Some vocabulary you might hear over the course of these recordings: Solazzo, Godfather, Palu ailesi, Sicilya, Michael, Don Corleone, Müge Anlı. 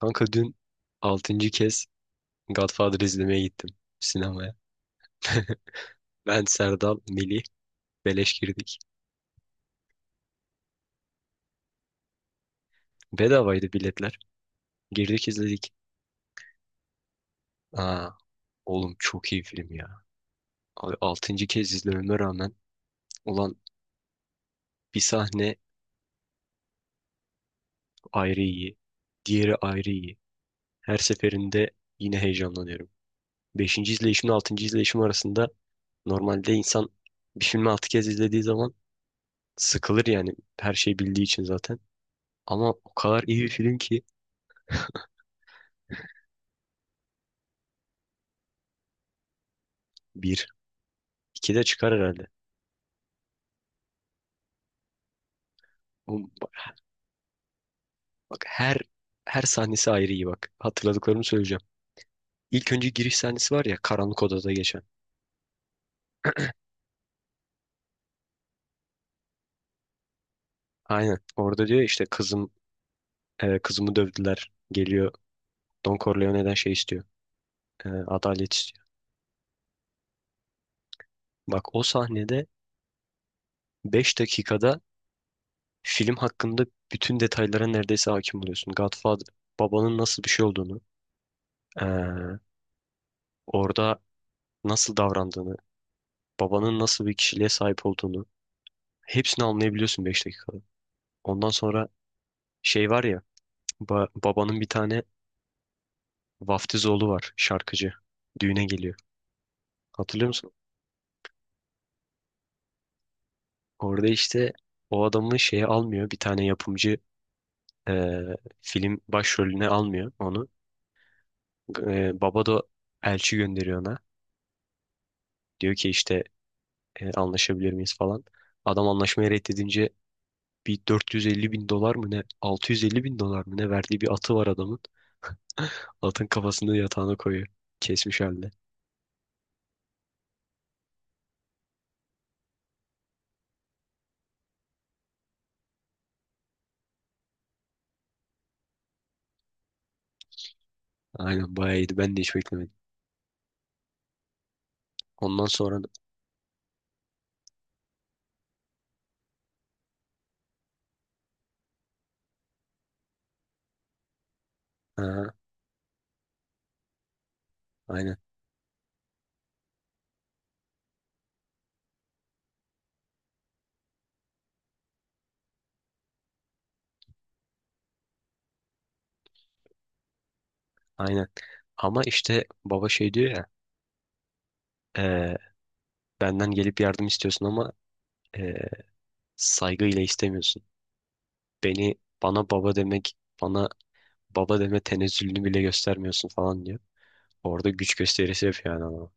Kanka dün altıncı kez Godfather izlemeye gittim sinemaya. Ben, Serdal, Melih beleş girdik. Bedavaydı biletler. Girdik, izledik. Aa, oğlum çok iyi film ya. Abi 6. kez izlememe rağmen, ulan, bir sahne ayrı iyi. Diğeri ayrı iyi. Her seferinde yine heyecanlanıyorum. Beşinci izleyişimle altıncı izleyişim arasında normalde insan bir filmi 6 kez izlediği zaman sıkılır yani, her şeyi bildiği için zaten. Ama o kadar iyi bir film ki. Bir. İki de çıkar herhalde. Oğlum, bak, her sahnesi ayrı iyi, bak. Hatırladıklarımı söyleyeceğim. İlk önce giriş sahnesi var ya, karanlık odada geçen. Aynen. Orada diyor işte, kızımı dövdüler. Geliyor, Don Corleone'den şey istiyor. Adalet istiyor. Bak, o sahnede 5 dakikada film hakkında bütün detaylara neredeyse hakim oluyorsun. Godfather babanın nasıl bir şey olduğunu, e, orada nasıl davrandığını, babanın nasıl bir kişiliğe sahip olduğunu hepsini anlayabiliyorsun 5 dakikada. Ondan sonra şey var ya, babanın bir tane vaftiz oğlu var, şarkıcı. Düğüne geliyor. Hatırlıyor musun? Orada işte o adamı şeye almıyor. Bir tane yapımcı e, film başrolüne almıyor onu. Baba da elçi gönderiyor ona. Diyor ki işte anlaşabilir miyiz falan. Adam anlaşmayı reddedince bir 450 bin dolar mı ne, 650 bin dolar mı ne verdiği bir atı var adamın. Atın kafasını yatağına koyuyor, kesmiş halde. Aynen, bayağı iyiydi. Ben de hiç beklemedim. Ondan sonra, ha, aynen, aynen. Ama işte baba şey diyor ya, e, benden gelip yardım istiyorsun ama e, saygıyla istemiyorsun. Beni bana baba demek bana baba deme tenezzülünü bile göstermiyorsun falan diyor. Orada güç gösterisi yapıyor yani, ama.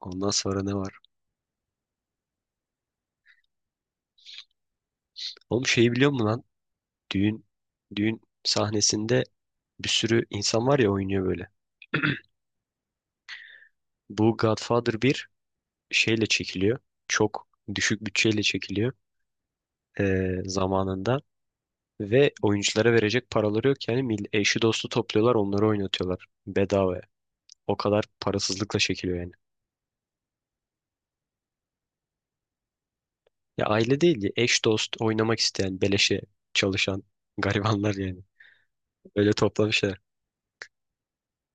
Ondan sonra ne var? Oğlum, şeyi biliyor musun lan? Düğün düğün sahnesinde bir sürü insan var ya, oynuyor böyle. Bu Godfather bir şeyle çekiliyor. Çok düşük bütçeyle çekiliyor zamanında. Ve oyunculara verecek paraları yok yani, eşi dostu topluyorlar, onları oynatıyorlar bedavaya. O kadar parasızlıkla çekiliyor yani. Ya aile değil, ya eş dost oynamak isteyen, beleşe çalışan garibanlar yani. Öyle toplamışlar.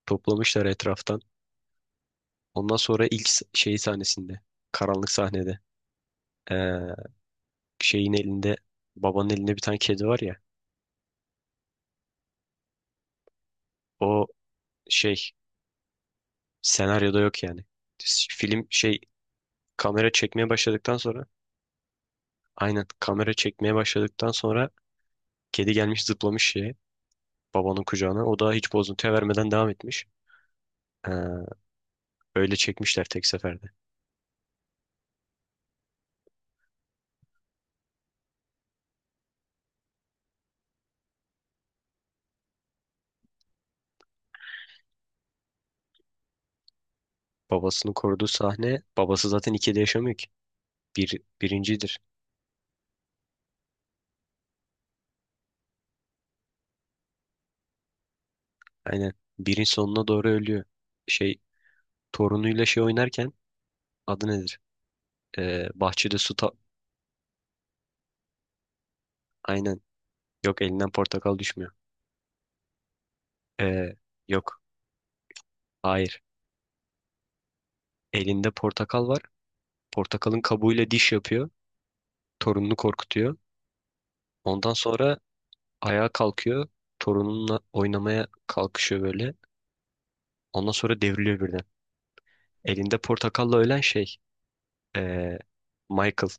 Toplamışlar etraftan. Ondan sonra ilk s- şey sahnesinde, karanlık sahnede, ee, şeyin elinde babanın elinde bir tane kedi var ya. O şey senaryoda yok yani. S- Film şey kamera çekmeye başladıktan sonra, aynen kamera çekmeye başladıktan sonra kedi gelmiş, zıplamış şeye, babanın kucağına. O da hiç bozuntuya vermeden devam etmiş. Ee, Öyle çekmişler tek seferde. Babasını koruduğu sahne, babası zaten ikide yaşamıyor ki. Bir, birincidir. Aynen. Birin sonuna doğru ölüyor. Şey torunuyla şey oynarken, adı nedir? Bahçede su ta-. Aynen. Yok, elinden portakal düşmüyor. Ee, Yok. Hayır. Elinde portakal var. Portakalın kabuğuyla diş yapıyor. Torununu korkutuyor. Ondan sonra ayağa kalkıyor. Torununla oynamaya kalkışıyor böyle. Ondan sonra devriliyor birden. Elinde portakalla ölen şey, ee, Michael.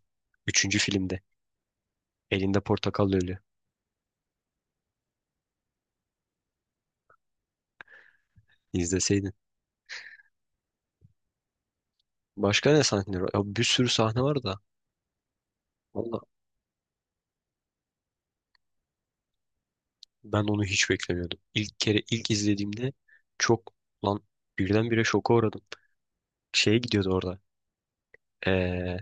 Üçüncü filmde. Elinde portakalla ölüyor. İzleseydin. Başka ne sahneler var? Ya bir sürü sahne var da. Valla, ben onu hiç beklemiyordum. İlk kere ilk izlediğimde çok, lan, birdenbire şoka uğradım. Şeye gidiyordu orada, ee,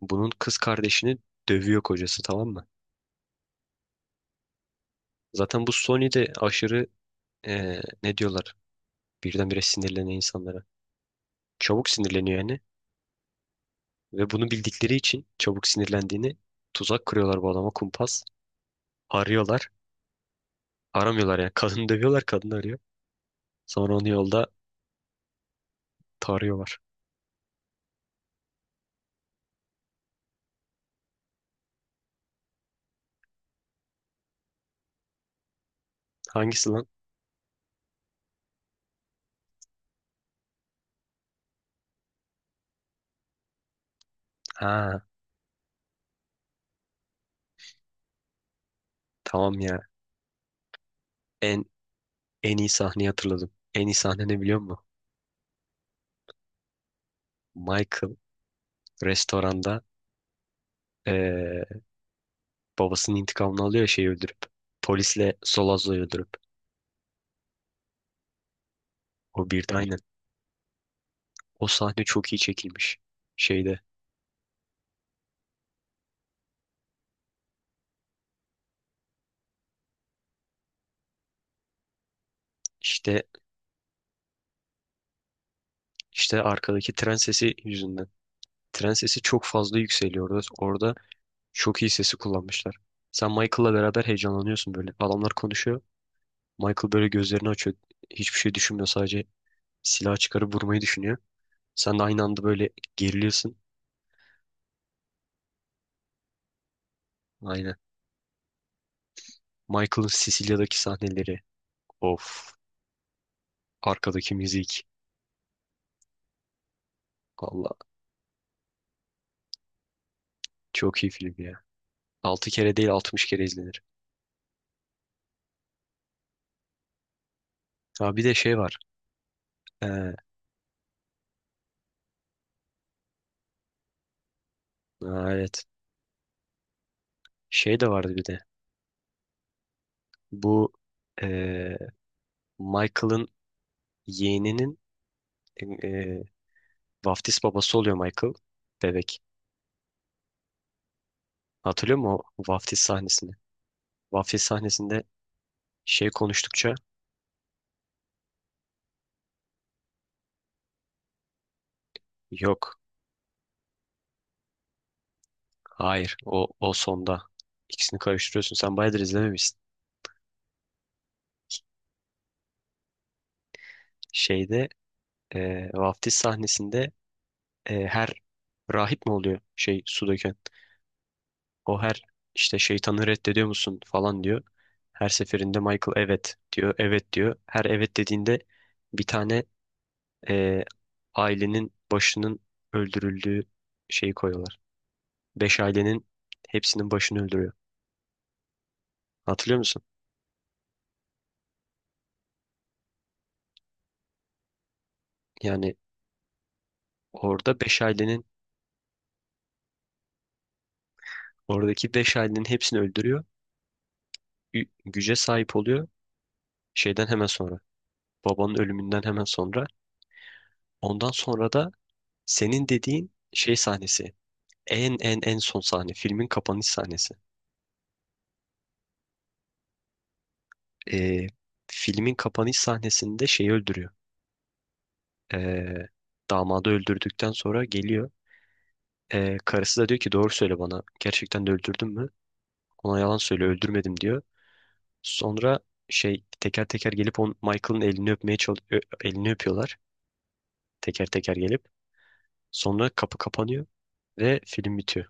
bunun kız kardeşini dövüyor kocası, tamam mı? Zaten bu Sony de aşırı, ne diyorlar? Birdenbire sinirlenen insanlara. Çabuk sinirleniyor yani. Ve bunu bildikleri için çabuk sinirlendiğini, tuzak kuruyorlar bu adama, kumpas. Arıyorlar. Aramıyorlar yani. Kadını dövüyorlar. Kadını arıyor. Sonra onu yolda tarıyorlar. Hangisi lan? Ha, tamam ya. En en iyi sahneyi hatırladım. En iyi sahne ne biliyor musun? Michael restoranda, eee, babasının intikamını alıyor ya şeyi öldürüp. Polisle Solazzo'yu öldürüp. O birde, aynen. O sahne çok iyi çekilmiş. Şeyde işte İşte arkadaki tren sesi yüzünden. Tren sesi çok fazla yükseliyor orada. Orada çok iyi sesi kullanmışlar. Sen Michael'la beraber heyecanlanıyorsun böyle. Adamlar konuşuyor. Michael böyle gözlerini açıyor. Hiçbir şey düşünmüyor. Sadece silah çıkarıp vurmayı düşünüyor. Sen de aynı anda böyle geriliyorsun. Aynen. Michael'ın Sicilya'daki sahneleri. Of. Arkadaki müzik. Valla. Çok iyi film ya. 6 kere değil, 60 kere izlenir. Ha, bir de şey var. Ee, ha, evet. Şey de vardı bir de. Bu ee, Michael'ın yeğeninin e, vaftiz babası oluyor Michael, bebek. Hatırlıyor musun o vaftiz sahnesini? Vaftiz sahnesinde şey konuştukça, yok, hayır, o, o sonda. İkisini karıştırıyorsun. Sen bayağıdır izlememişsin. Şeyde, vaftiz sahnesinde, her rahip mi oluyor şey su döken? O her işte şeytanı reddediyor musun falan diyor. Her seferinde Michael evet diyor, evet diyor. Her evet dediğinde bir tane, e, ailenin başının öldürüldüğü şeyi koyuyorlar. Beş ailenin hepsinin başını öldürüyor. Hatırlıyor musun? Yani orada beş ailenin, oradaki beş ailenin hepsini öldürüyor. Güce sahip oluyor şeyden hemen sonra. Babanın ölümünden hemen sonra. Ondan sonra da senin dediğin şey sahnesi. En en son sahne. Filmin kapanış sahnesi. E, Filmin kapanış sahnesinde şeyi öldürüyor. E, Damadı öldürdükten sonra geliyor. Karısı da diyor ki, doğru söyle bana. Gerçekten de öldürdün mü? Ona yalan söyle, öldürmedim diyor. Sonra şey teker teker gelip on Michael'ın elini öpmeye elini öpüyorlar. Teker teker gelip. Sonra kapı kapanıyor ve film bitiyor.